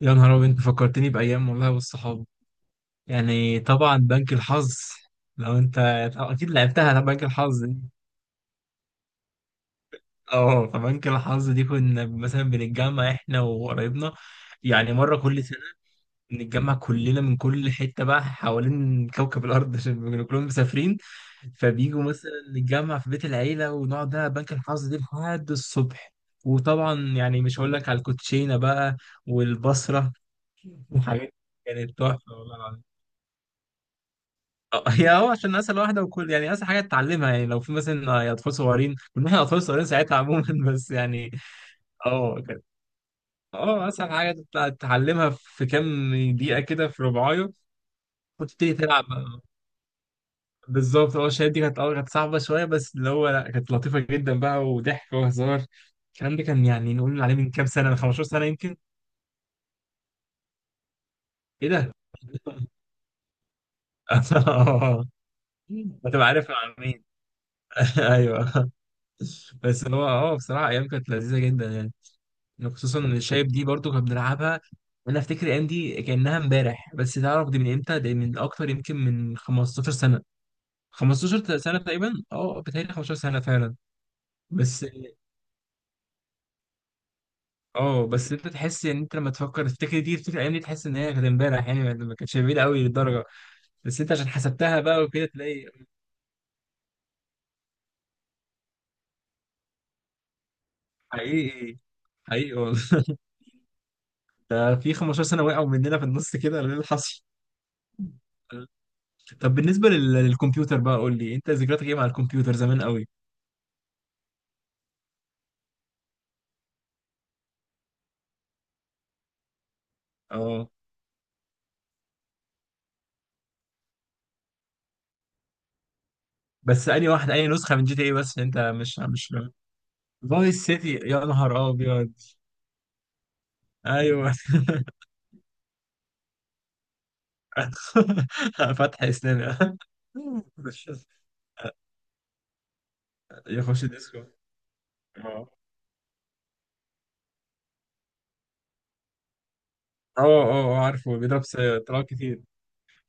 يا نهار أبيض، أنت فكرتني بأيام والله والصحاب. يعني طبعا بنك الحظ، لو أنت أكيد لعبتها على بنك الحظ دي. فبنك الحظ دي كنا مثلا بنتجمع إحنا وقرايبنا، يعني مرة كل سنة. بنتجمع كلنا من كل حتة بقى حوالين كوكب الأرض، عشان بيكونوا كلهم مسافرين. فبيجوا مثلا نتجمع في بيت العيلة ونقعد بقى بنك الحظ دي لحد الصبح. وطبعا يعني مش هقول لك على الكوتشينة بقى، والبصرة، وحاجات. كانت تحفة والله العظيم. آه، آه، هو عشان اسهل واحده، وكل يعني اسهل حاجه تتعلمها، يعني لو في مثلا يا اطفال صغيرين، كنا احنا اطفال صغيرين ساعتها عموما. بس يعني. اه كده. اه، اسهل حاجه تطلع تتعلمها في كام دقيقه كده، في ربعايه وتبتدي تلعب. بالظبط. اه الشهادة دي كانت كانت صعبه شويه، بس اللي هو لا، كانت لطيفه جدا بقى وضحك وهزار. الكلام ده كان يعني نقول عليه من كام سنه، من 15 سنه يمكن. ايه ده؟ اه، هتبقى عارف مع مين. ايوه. بس هو بصراحه ايام كانت لذيذه جدا يعني. يعني خصوصا ان الشايب دي برضو كنا بنلعبها. انا افتكر الايام دي كانها امبارح، بس تعرف دي من امتى؟ ده من اكتر يمكن من 15 سنه. 15 سنه تقريبا، بتهيألي 15 سنه فعلا. بس. انت تحس ان انت لما تفكر تفتكر دي، تفتكر الايام دي، تحس ان هي كانت امبارح يعني، ما كانتش بعيده قوي للدرجه. بس انت عشان حسبتها بقى وكده تلاقي. حقيقي. حقيقي والله. ده في 15 سنه وقعوا مننا في النص كده، ولا ايه اللي حصل؟ طب بالنسبه للكمبيوتر بقى، قول لي انت، ذكرياتك ايه مع الكمبيوتر زمان قوي. اه، بس انهي واحد، انهي نسخه من جي تي اي؟ بس عشان انت مش. فايس سيتي، يا نهار ابيض. ايوه. فتح اسلامي. مش- يخش الديسكو. اه. اه. اه. آه، عارفه، بيضرب طلاب كتير.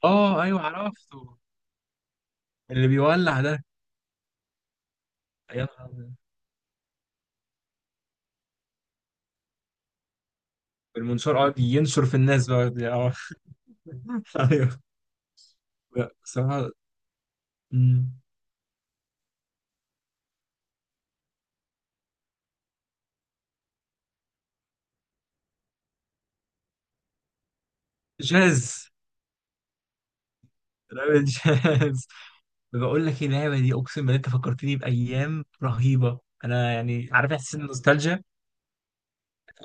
اه ايوه، عرفته، اللي بيولع ده. يا نهار أبيض. المنشار قاعد ينشر في الناس بقى، اه. ايوه. لا، بصراحه. مم. جاز. راب الجاز. بقول لك إيه، اللعبه دي اقسم بالله انت فكرتني بايام رهيبه، انا يعني عارف احساس النوستالجيا.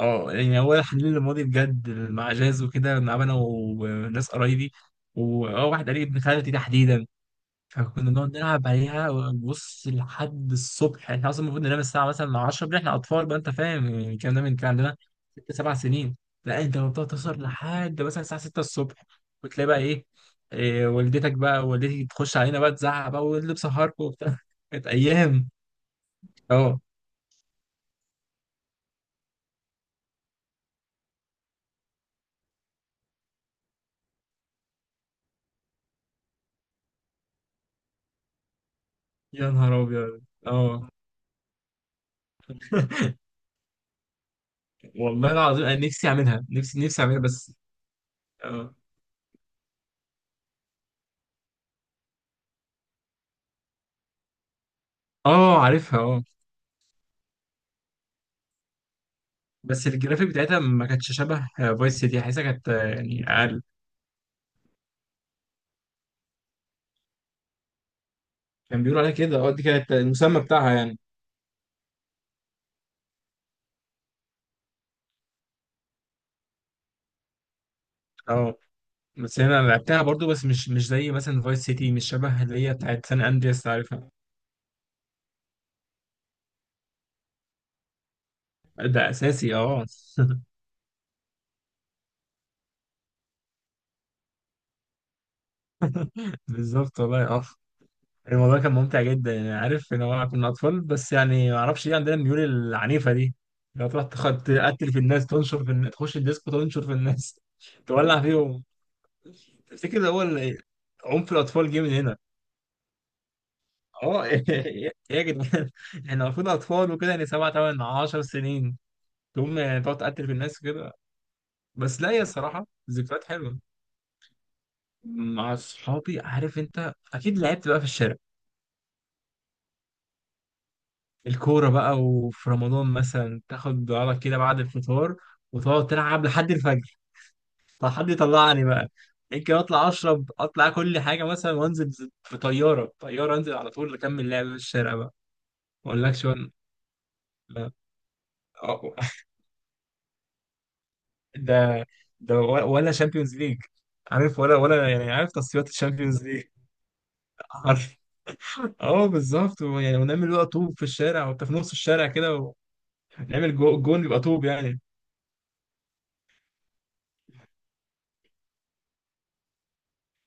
اه، يعني هو حنين للماضي بجد، مع جاز وكده بنلعب انا وناس قرايبي، واه، واحد قريب، ابن خالتي تحديدا. فكنا بنقعد نلعب عليها، بص، لحد الصبح. احنا اصلا المفروض ننام الساعه مثلا 10 بالليل، احنا اطفال بقى، انت فاهم يعني، الكلام ده من كان عندنا ست سبع سنين. لا، انت بتقعد تسهر لحد مثلا الساعه 6 الصبح، وتلاقي بقى ايه، إيه، والدتك بقى والدتي تخش علينا بقى تزعق بقى، واللي بسهركم وبتاع. كانت ايام. اه يا نهار ابيض. اه. والله العظيم، انا نفسي اعملها، نفسي اعملها بس. اه. اه عارفها اه. بس الجرافيك بتاعتها ما كانتش شبه فايس سيتي، حاسسها كانت يعني اقل. كان بيقولوا عليها كده، دي كانت المسمى بتاعها يعني. اه بس هنا أنا لعبتها برضو، بس مش زي مثلا فايس سيتي، مش شبه اللي هي بتاعت سان اندرياس، عارفها. ده اساسي، اه. بالظبط والله. اه الموضوع كان ممتع جدا يعني، عارف ان هو كنا اطفال، بس يعني ما اعرفش ليه عندنا الميول العنيفه دي. لو تروح تقتل في الناس، تنشر في الناس، تخش الديسكو تنشر في الناس، تولع فيهم. تفتكر ده هو عنف الاطفال جه من هنا؟ اه. ايه، إيه يا جدعان، احنا المفروض اطفال وكده، يعني سبع تمن عشر سنين، تقوم يعني تقعد تقتل في الناس كده. بس لا، يا الصراحه ذكريات حلوه، مع اصحابي. عارف انت، اكيد لعبت بقى في الشارع، الكوره بقى، وفي رمضان مثلا تاخد بعضك كده بعد الفطار وتقعد تلعب لحد الفجر. طب حد يطلعني بقى، يمكن اطلع اشرب، اطلع كل حاجه مثلا وانزل في طياره طياره، انزل على طول اكمل لعب في الشارع بقى. ما اقولكش بقى- لا. أه، ده ده ولا شامبيونز ليج. عارف، ولا يعني، عارف تصفيات الشامبيونز ليج. عارف. اه بالظبط، يعني ونعمل بقى طوب في الشارع وانت في نص الشارع كده، ونعمل جون، يبقى طوب يعني.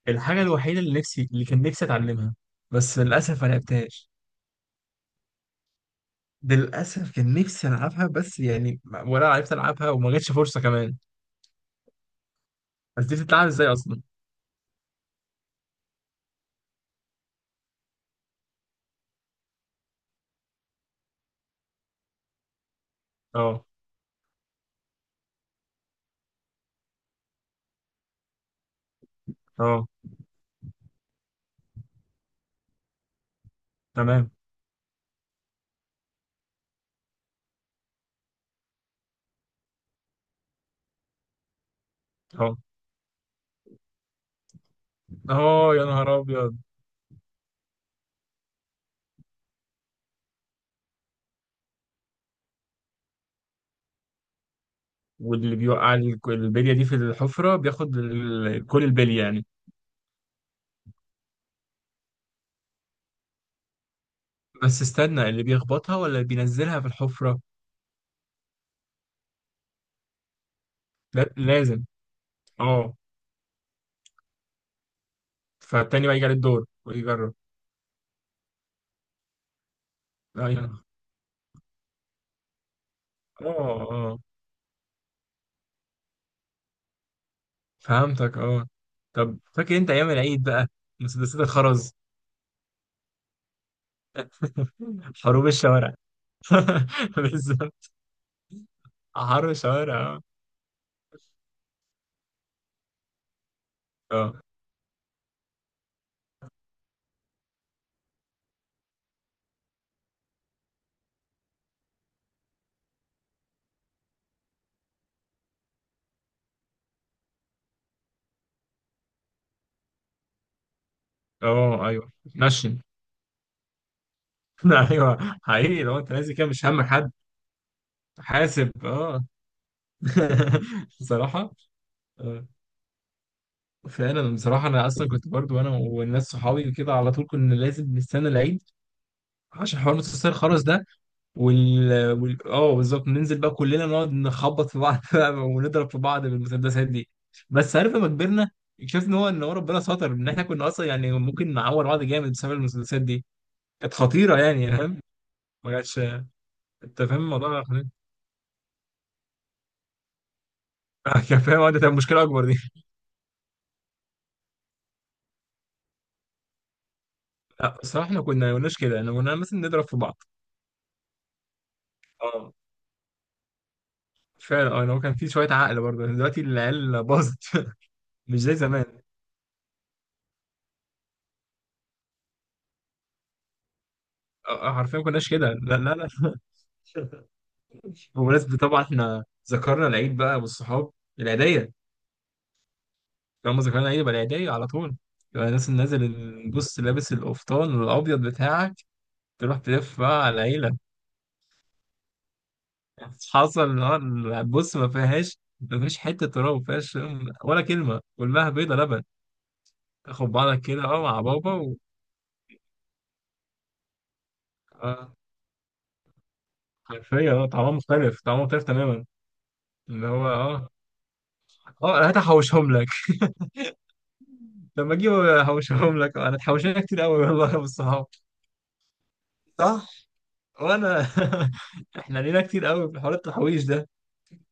الحاجه الوحيده اللي كان نفسي اتعلمها، بس للاسف ما لعبتهاش. للاسف كان نفسي العبها، بس يعني ولا عرفت العبها، وما جاتش فرصه كمان. بس دي بتتلعب ازاي اصلا؟ اه. اه. تمام. اه. اه، يا نهار ابيض. واللي بيوقع البلية دي في الحفرة، بياخد كل البلية يعني. بس استنى، اللي بيخبطها ولا اللي بينزلها في الحفرة؟ لا، لازم. اه، فالتاني بقى يجي عليه الدور ويجرب. ايوه. اه. اه. فهمتك اه. طب فاكر انت ايام العيد بقى، مسدسات الخرز، حروب الشوارع. بالظبط. حرب الشوارع، اه. اه. اه. ايوه، نشن. ايوه حقيقي، لو انت نازل كده مش همك حد. حاسب، اه. بصراحة. آه. فعلا، بصراحة أنا أصلا كنت برضو أنا والناس صحابي كده على طول كنا لازم نستنى العيد، عشان حوار نص الساعة الخرز ده. وال, وال... آه بالظبط، ننزل بقى كلنا نقعد نخبط في بعض، بقى، ونضرب في بعض بالمسدسات دي. بس عارف لما كبرنا، اكتشفت إن هو ربنا ستر، إن إحنا كنا أصلا يعني ممكن نعور بعض جامد بسبب المسدسات دي، كانت خطيرة يعني فاهم، ما كانتش. أنت فاهم الموضوع ده. كان فاهم، ده كانت مشكلة أكبر دي. لا بصراحة إحنا كنا ما كناش كده، إحنا كنا مثلا نضرب في بعض. آه. فعلا اه، يعني هو كان في شويه عقل برضه، يعني دلوقتي العيال باظت. مش زي زمان. آه، آه، حرفيا ما كناش كده، لا لا لا. بمناسبة طبعا احنا ذكرنا العيد بقى والصحاب، العيدية. طالما ذكرنا العيد يبقى العيدية على طول. يبقى الناس اللي نازل بص لابس القفطان الأبيض بتاعك، تروح تلف بقى على العيلة. حصل، اه، بص، ما فيهاش، ما فيهاش حتة تراب، ما فيهاش ولا كلمة، كلها بيضة لبن. تاخد بعضك كده، اه، مع بابا و. اه حرفيا، طعمها مختلف، طعمها مختلف تماما. اللي هو اه، اه هات احوشهم لك. لما اجيب احوشهم لك، انا اتحوشنا كتير قوي والله، يا ابو الصحاب. صح؟ وانا. احنا لينا كتير قوي في حوار التحويش ده،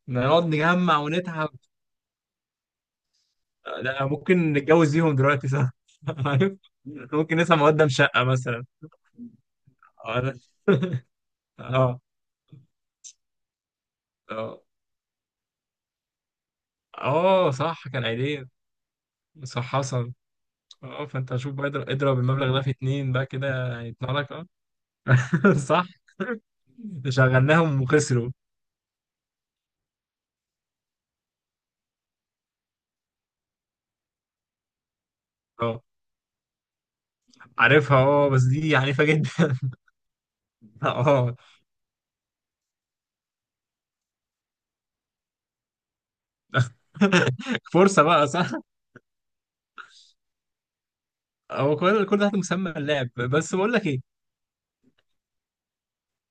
إن نقعد نجمع ونتعب. لا، ممكن نتجوز بيهم دلوقتي، صح. عارف، ممكن نسمع مقدم شقة مثلا. اه. اه. اه. آه، صح، كان عيدية. صح، حصل. اه، فانت شوف بقى، اضرب اضرب المبلغ ده في اتنين بقى، كده هيطلع لك اه. صح. شغلناهم وخسروا. آه. عارفها اه، بس دي عنيفة جدا. اه. فرصة بقى، صح. هو كل ده تحت مسمى اللعب. بس بقول لك ايه،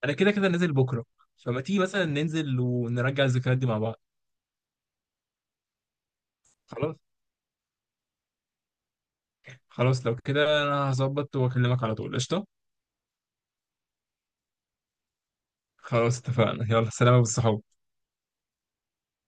انا كده كده نازل بكرة، فما تيجي مثلا ننزل ونرجع الذكريات دي مع بعض. خلاص. خلاص، لو كده انا هظبط واكلمك على طول، قشطة. خلاص اتفقنا، يلا سلام بالصحاب.